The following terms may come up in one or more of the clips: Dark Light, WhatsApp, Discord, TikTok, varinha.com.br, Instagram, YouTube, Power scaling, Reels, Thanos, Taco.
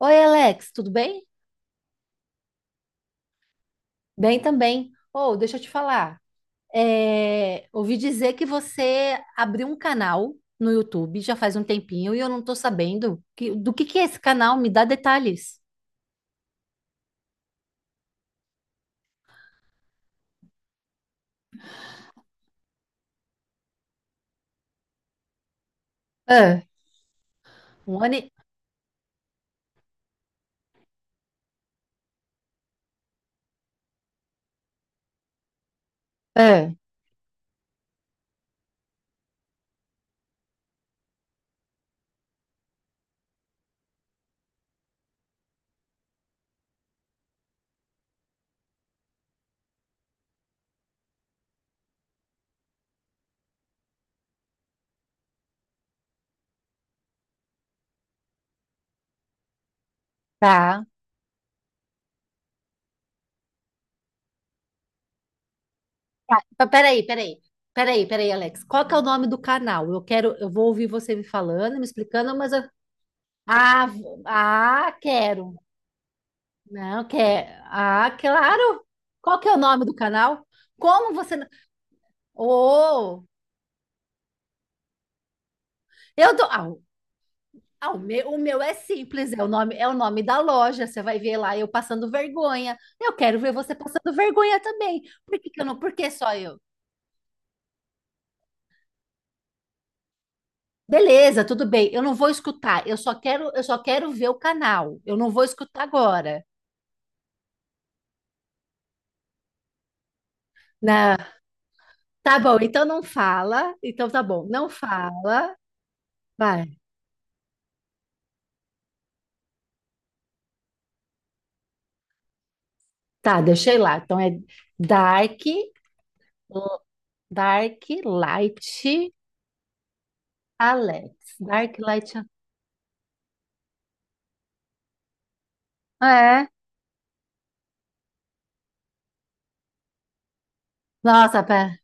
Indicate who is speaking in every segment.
Speaker 1: Oi, Alex, tudo bem? Bem também. Oh, deixa eu te falar. Ouvi dizer que você abriu um canal no YouTube já faz um tempinho e eu não estou sabendo do que é esse canal. Me dá detalhes. Ah, Um ano e... ah, tá. Peraí, peraí. Peraí, peraí, Alex. Qual que é o nome do canal? Eu quero, eu vou ouvir você me falando, me explicando, mas eu... quero. Não, quer. Ah, claro. Qual que é o nome do canal? Como você Oh, eu dou. O meu é simples, é o nome da loja. Você vai ver lá eu passando vergonha. Eu quero ver você passando vergonha também. Por que que eu não? Por que só eu? Beleza, tudo bem. Eu não vou escutar. Eu só quero ver o canal. Eu não vou escutar agora. Na, tá bom, então não fala. Então tá bom, não fala. Vai. Tá, deixei lá. Então é Dark, Dark Light Alex. Dark Light. É. Nossa, pera.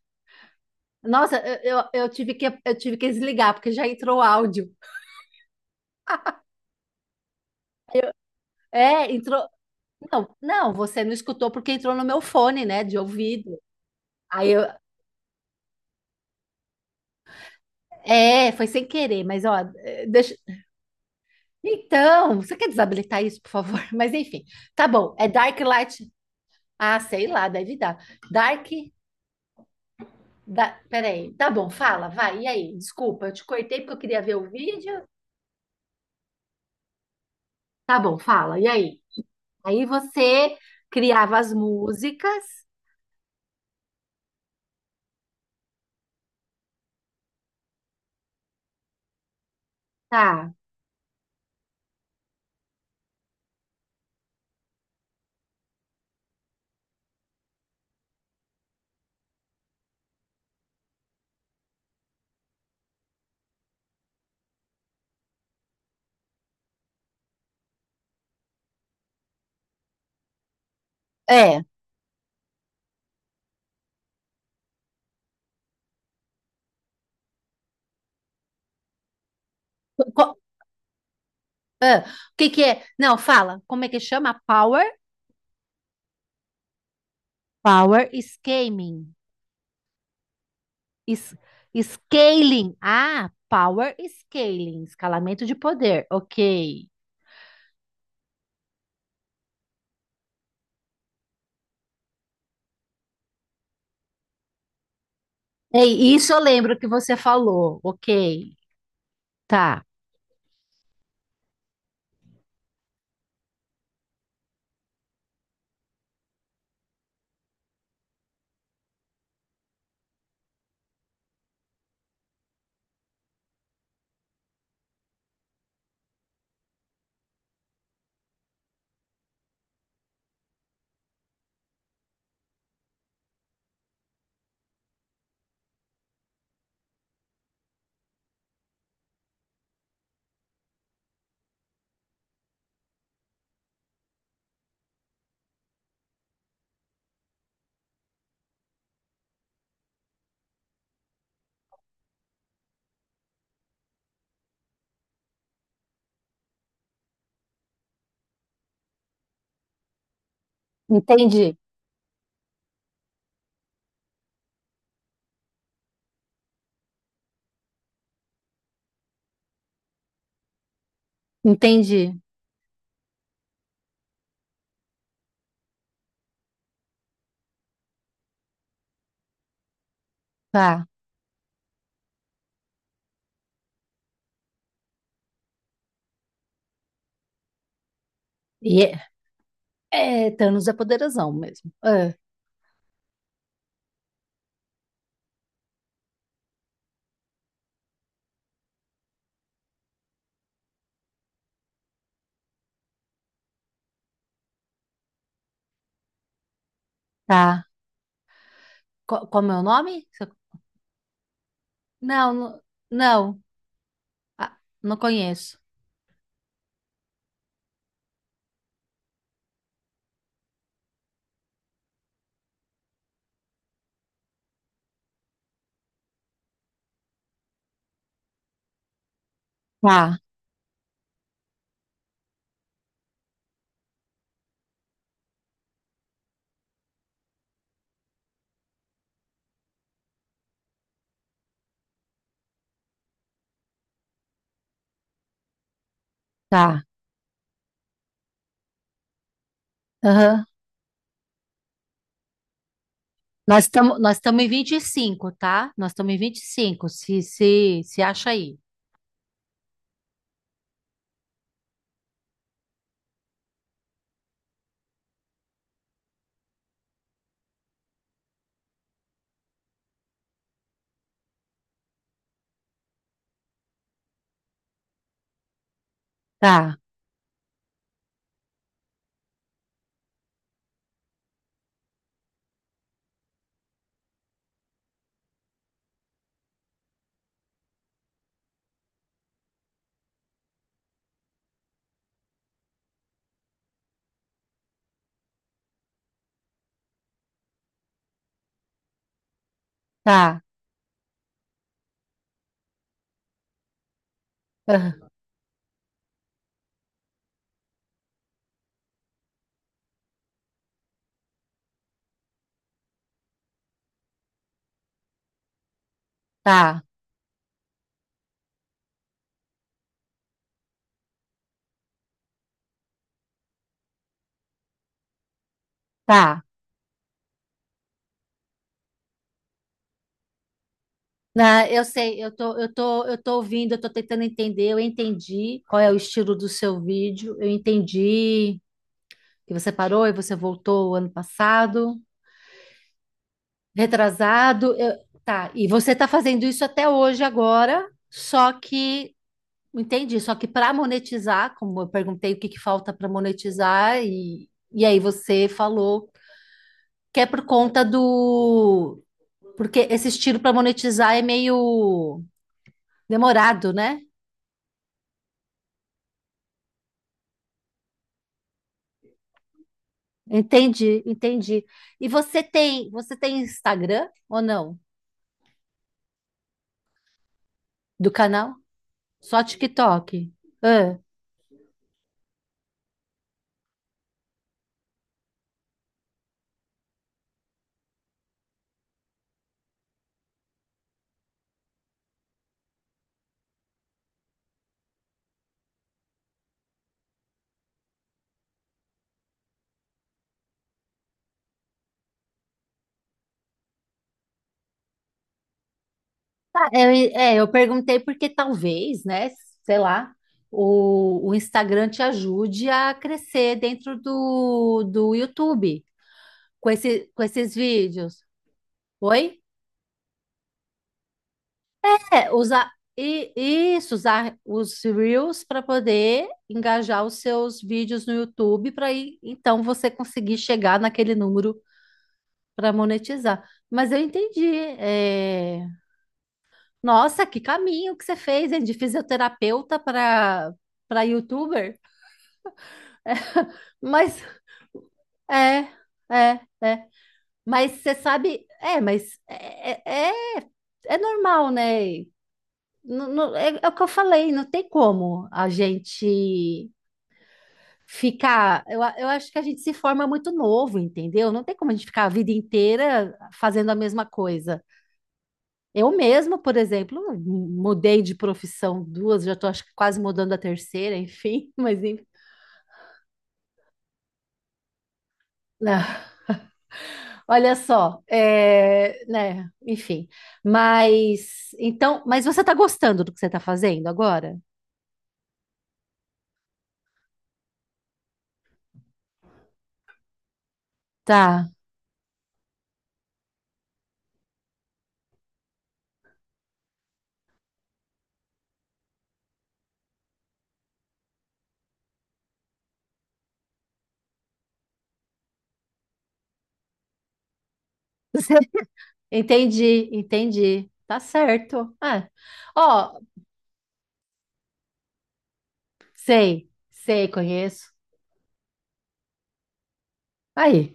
Speaker 1: Nossa, eu tive eu tive que desligar, porque já entrou o áudio. Eu- é, entrou. Não, não, você não escutou porque entrou no meu fone, né, de ouvido. Aí eu. É, foi sem querer, mas ó, deixa. Então, você quer desabilitar isso, por favor? Mas enfim, tá bom. É Dark Light. Ah, sei lá, deve dar. Dark. Peraí. Tá bom, fala, vai. E aí? Desculpa, eu te cortei porque eu queria ver o vídeo. Tá bom, fala. E aí? Aí você criava as músicas. Tá. É. Co- ah, o que que é? Não, fala. Como é que chama? Power? Power scaling. Es- scaling. Ah, power scaling. Escalamento de poder. Ok. Ei, isso eu lembro que você falou. Ok. Tá. Entendi. Entendi. Tá. E Thanos é poderosão mesmo. Ah, tá. Como é o nome? Não, não. Não, ah, não conheço. Tá, tá. Aham. Nós estamos em 25, tá? Nós estamos em 25. Se acha aí. Tá, tá, ah, tá, tá. Eu sei, eu tô ouvindo, eu tô tentando entender, eu entendi qual é o estilo do seu vídeo, eu entendi que você parou e você voltou ano passado, retrasado, tá, e você tá fazendo isso até hoje agora, só que entendi, só que para monetizar, como eu perguntei o que que falta para monetizar, e aí você falou que é por conta do. Porque esse estilo para monetizar é meio demorado, né? Entendi, entendi. Você tem Instagram ou não? Do canal? Só TikTok? Ah, tá, eu, é, eu perguntei porque talvez, né? Sei lá, o Instagram te ajude a crescer dentro do YouTube. Com esse, com esses vídeos. Oi? É, usar e isso, usar os Reels para poder engajar os seus vídeos no YouTube para aí então você conseguir chegar naquele número para monetizar. Mas eu entendi. É, nossa, que caminho que você fez, hein? De fisioterapeuta para YouTuber. Mas é, é, é. Mas você sabe, é, mas é é normal, né? É, é o que eu falei, não tem como a gente ficar. Eu, eu acho que a gente se forma muito novo, entendeu? Não tem como a gente ficar a vida inteira fazendo a mesma coisa. Eu mesma, por exemplo, mudei de profissão duas, já estou acho que quase mudando a terceira, enfim, mas enfim. Não, olha só, é, né, enfim. Mas então, mas você está gostando do que você está fazendo agora? Tá. Entendi, entendi. Tá certo. É. Ó, sei, sei, conheço. Aí.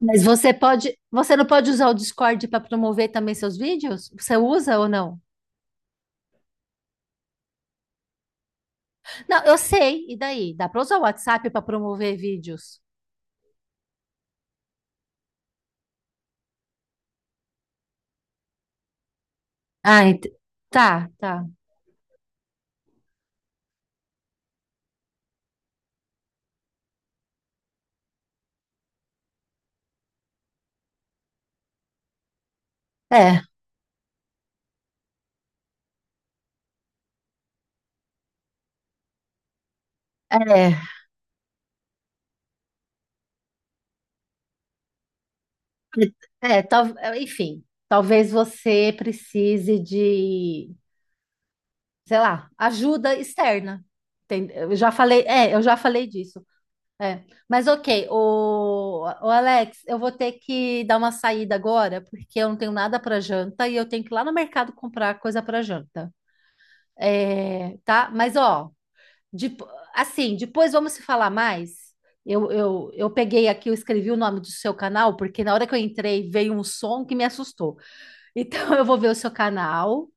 Speaker 1: Mas você pode, você não pode usar o Discord para promover também seus vídeos? Você usa ou não? Não, eu sei. E daí? Dá para usar o WhatsApp para promover vídeos? Ah, ent- tá, tá. É, é, é, enfim, talvez você precise de, sei lá, ajuda externa. Eu já falei, é, eu já falei disso. É. Mas ok, o Alex, eu vou ter que dar uma saída agora, porque eu não tenho nada para janta e eu tenho que ir lá no mercado comprar coisa para janta. É, tá? Mas ó, de- assim, depois vamos se falar mais. Eu peguei aqui, eu escrevi o nome do seu canal, porque na hora que eu entrei veio um som que me assustou. Então eu vou ver o seu canal.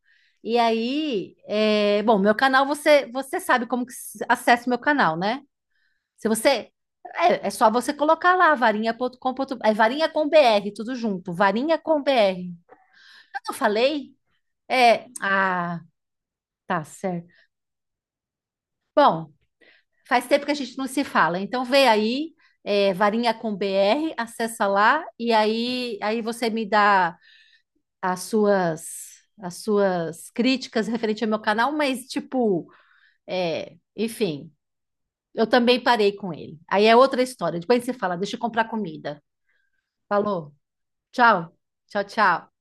Speaker 1: E aí, é, bom, meu canal você sabe como que acessa o meu canal, né? Se você. É, é só você colocar lá, varinha.com.br. É varinha com BR, tudo junto. Varinha com BR. Eu não falei? É. Ah, tá certo. Bom, faz tempo que a gente não se fala. Então vê aí, é, varinha com BR, acessa lá aí você me dá as suas. As suas críticas referente ao meu canal, mas tipo, é, enfim, eu também parei com ele. Aí é outra história. Depois você fala, deixa eu comprar comida. Falou? Tchau. Tchau, tchau.